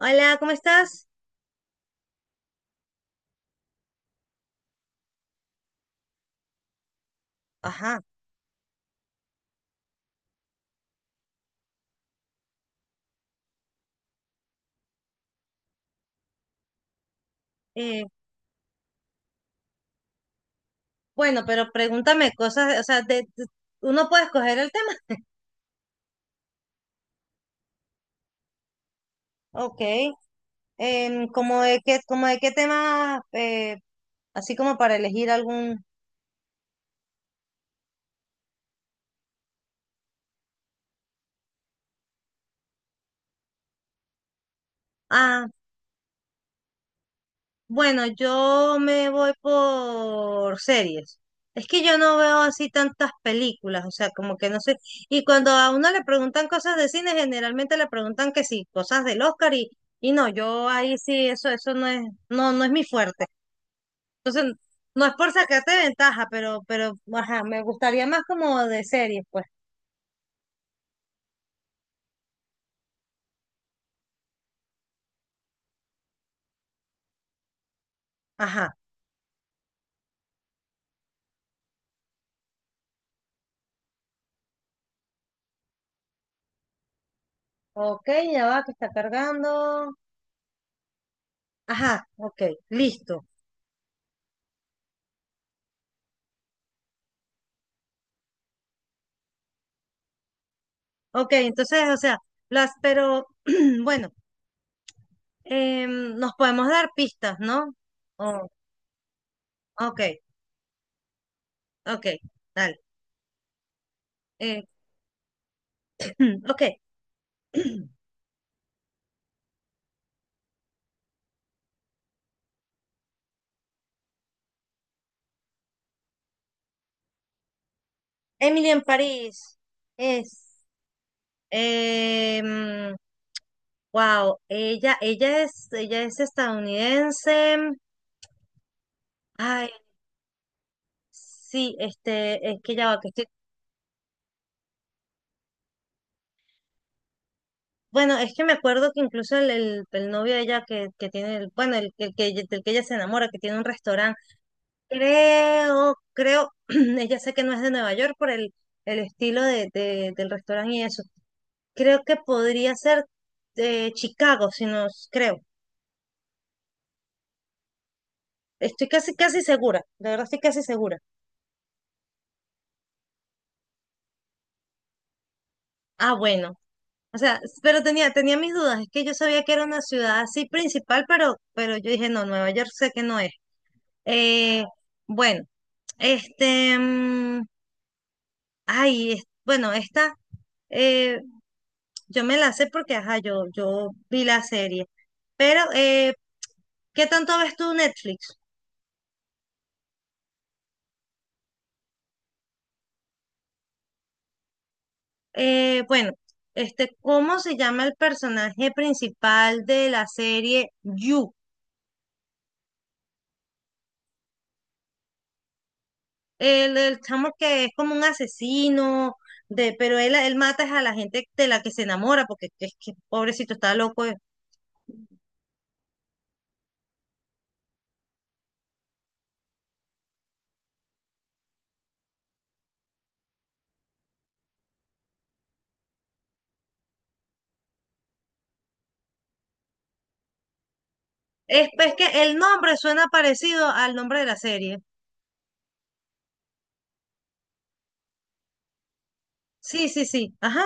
Hola, ¿cómo estás? Ajá. Eh, bueno, pero pregúntame cosas, o sea, de uno puede escoger el tema. Ok. ¿Cómo de qué, como de qué tema, así como para elegir algún... Ah, bueno, yo me voy por series. Es que yo no veo así tantas películas, o sea, como que no sé. Y cuando a uno le preguntan cosas de cine, generalmente le preguntan que sí, cosas del Oscar y no, yo ahí sí, eso no es, no, no es mi fuerte. Entonces, no es por sacarte ventaja, pero, ajá, me gustaría más como de series, pues. Ajá. Ok, ya va, que está cargando. Ajá, ok, listo. Ok, entonces, o sea, las, pero, bueno, nos podemos dar pistas, ¿no? Oh, ok, ok, dale. Eh, ok, Emily en París es, em, wow, ella es estadounidense. Ay, sí, este, es que ya va, que estoy. Bueno, es que me acuerdo que incluso el novio de ella que tiene, el, bueno, el del que ella se enamora, que tiene un restaurante, creo, ella sé que no es de Nueva York por el estilo de del restaurante y eso. Creo que podría ser de Chicago, si no, creo. Estoy casi segura, de verdad estoy casi segura. Ah, bueno. O sea, pero tenía, tenía mis dudas, es que yo sabía que era una ciudad así principal, pero yo dije, no, Nueva York sé que no es. Eh, bueno, este, mm, bueno, esta, eh, yo me la sé porque, ajá, yo vi la serie. Pero, ¿qué tanto ves tú Netflix? Bueno, este, ¿cómo se llama el personaje principal de la serie You? El chamo que es como un asesino, de, pero él mata es a la gente de la que se enamora, porque es que pobrecito está loco. Es que el nombre suena parecido al nombre de la serie. Sí, sí, sí. Ajá.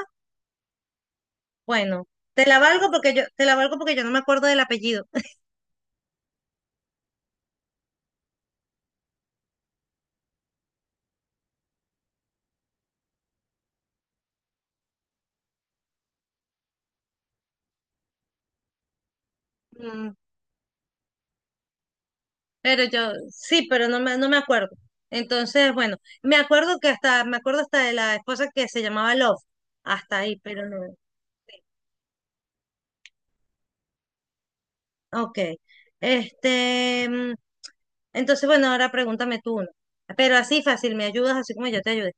Bueno, te la valgo porque yo no me acuerdo del apellido. Mm, pero yo, sí, pero no me acuerdo. Entonces, bueno, me acuerdo hasta de la esposa que se llamaba Love. Hasta ahí, pero no. Ok. Este, mm, entonces, bueno, ahora pregúntame tú uno. Pero así fácil, me ayudas así como yo te ayudé.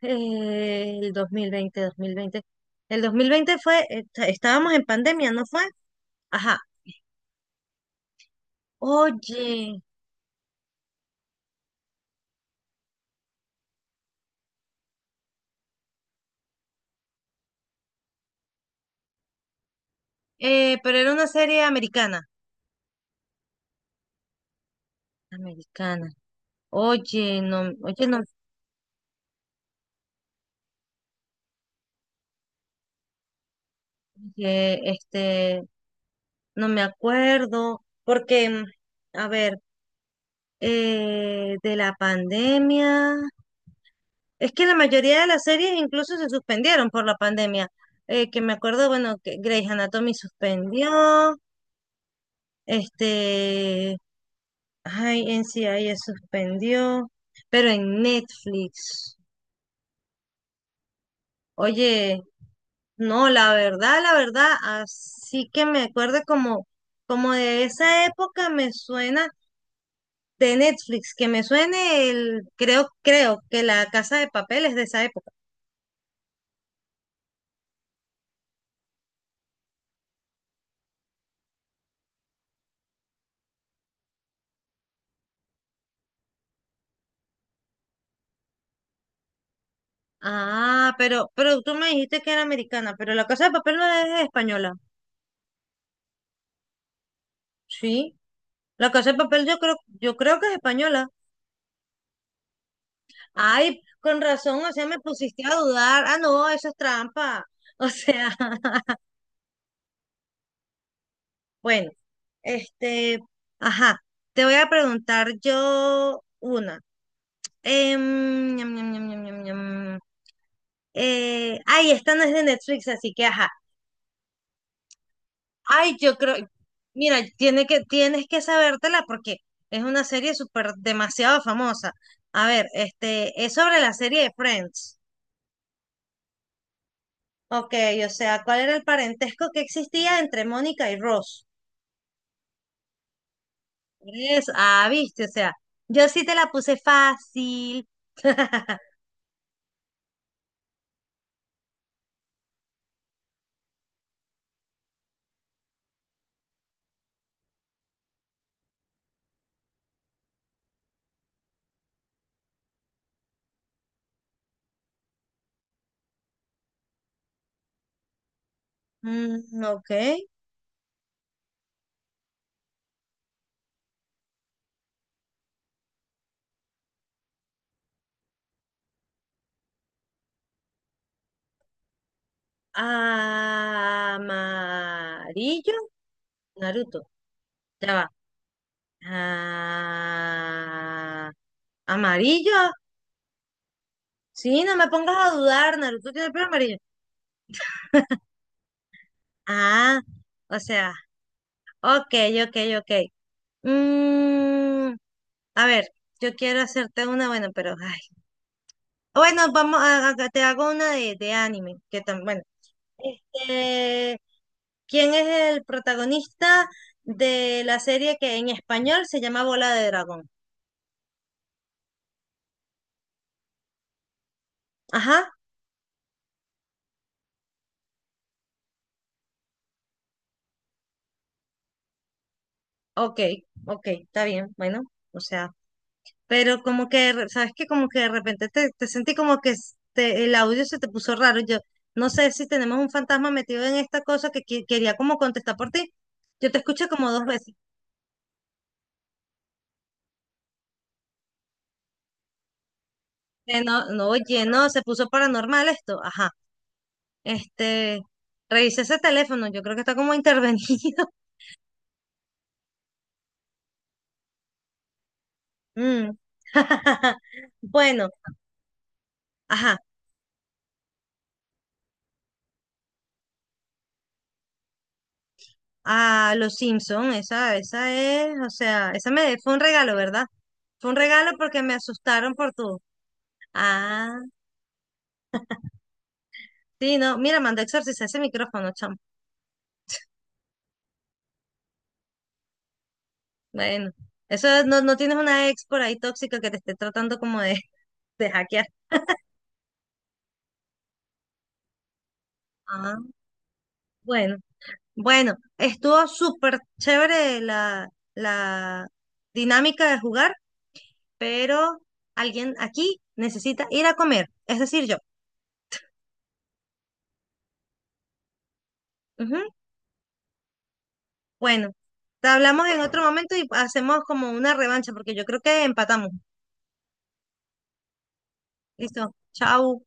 El 2020. 2020. El 2020 fue, estábamos en pandemia, ¿no fue? Ajá. Oye. Pero era una serie americana. Americana. Oye, no, eh, este, no me acuerdo, a ver, de la pandemia, es que la mayoría de las series incluso se suspendieron por la pandemia. Que me acuerdo, bueno, que Grey's Anatomy suspendió, este, ay, NCIS suspendió, pero en Netflix, oye, no, la verdad, así que me acuerdo como, como de esa época me suena de Netflix, que me suene el, creo que La Casa de Papel es de esa época. Ah, pero tú me dijiste que era americana, pero La Casa de Papel no es española. Sí, La Casa de Papel yo creo que es española. Ay, con razón, o sea, me pusiste a dudar. Ah, no, eso es trampa. O sea, bueno. Este, ajá, te voy a preguntar yo una. Em, ñam, ñam, ñam, ñam, ñam, ñam. Ay, esta no es de Netflix, así que ajá. Ay, yo creo, mira, tiene que, tienes que sabértela porque es una serie súper demasiado famosa. A ver, este, es sobre la serie de Friends. Ok, o sea, ¿cuál era el parentesco que existía entre Mónica y Ross? Es, ah, viste, o sea, yo sí te la puse fácil. Ok. Amarillo. Naruto. Ya va. Ah, amarillo. Sí, no me pongas a dudar. Naruto tiene el pelo amarillo. Ah, o sea, ok, ok, ok. Mm, a ver, yo quiero hacerte una, bueno, pero ay. Bueno, vamos te hago una de anime, que también, bueno. Este, ¿quién es el protagonista de la serie que en español se llama Bola de Dragón? Ajá, ok, ok, está bien, bueno, o sea, pero como que, ¿sabes qué? Como que de repente te sentí como que el audio se te puso raro. Yo no sé si tenemos un fantasma metido en esta cosa que quería como contestar por ti. Yo te escuché como 2 veces. No, no, oye, no, se puso paranormal esto. Ajá, este, revisé ese teléfono, yo creo que está como intervenido. Mm. Bueno, ajá, a Los Simpson, esa es, o sea, esa me fue un regalo, ¿verdad? Fue un regalo porque me asustaron por tu. Ah, sí, no, mira, manda a exorcizar ese micrófono, chamo. Bueno, eso es- no, no tienes una ex por ahí tóxica que te esté tratando como de, de hackear. Ah, bueno, bueno, estuvo súper chévere la, la dinámica de jugar, pero alguien aquí necesita ir a comer, es decir, yo. Ujú. Bueno, te hablamos en otro momento y hacemos como una revancha, porque yo creo que empatamos. Listo, chao.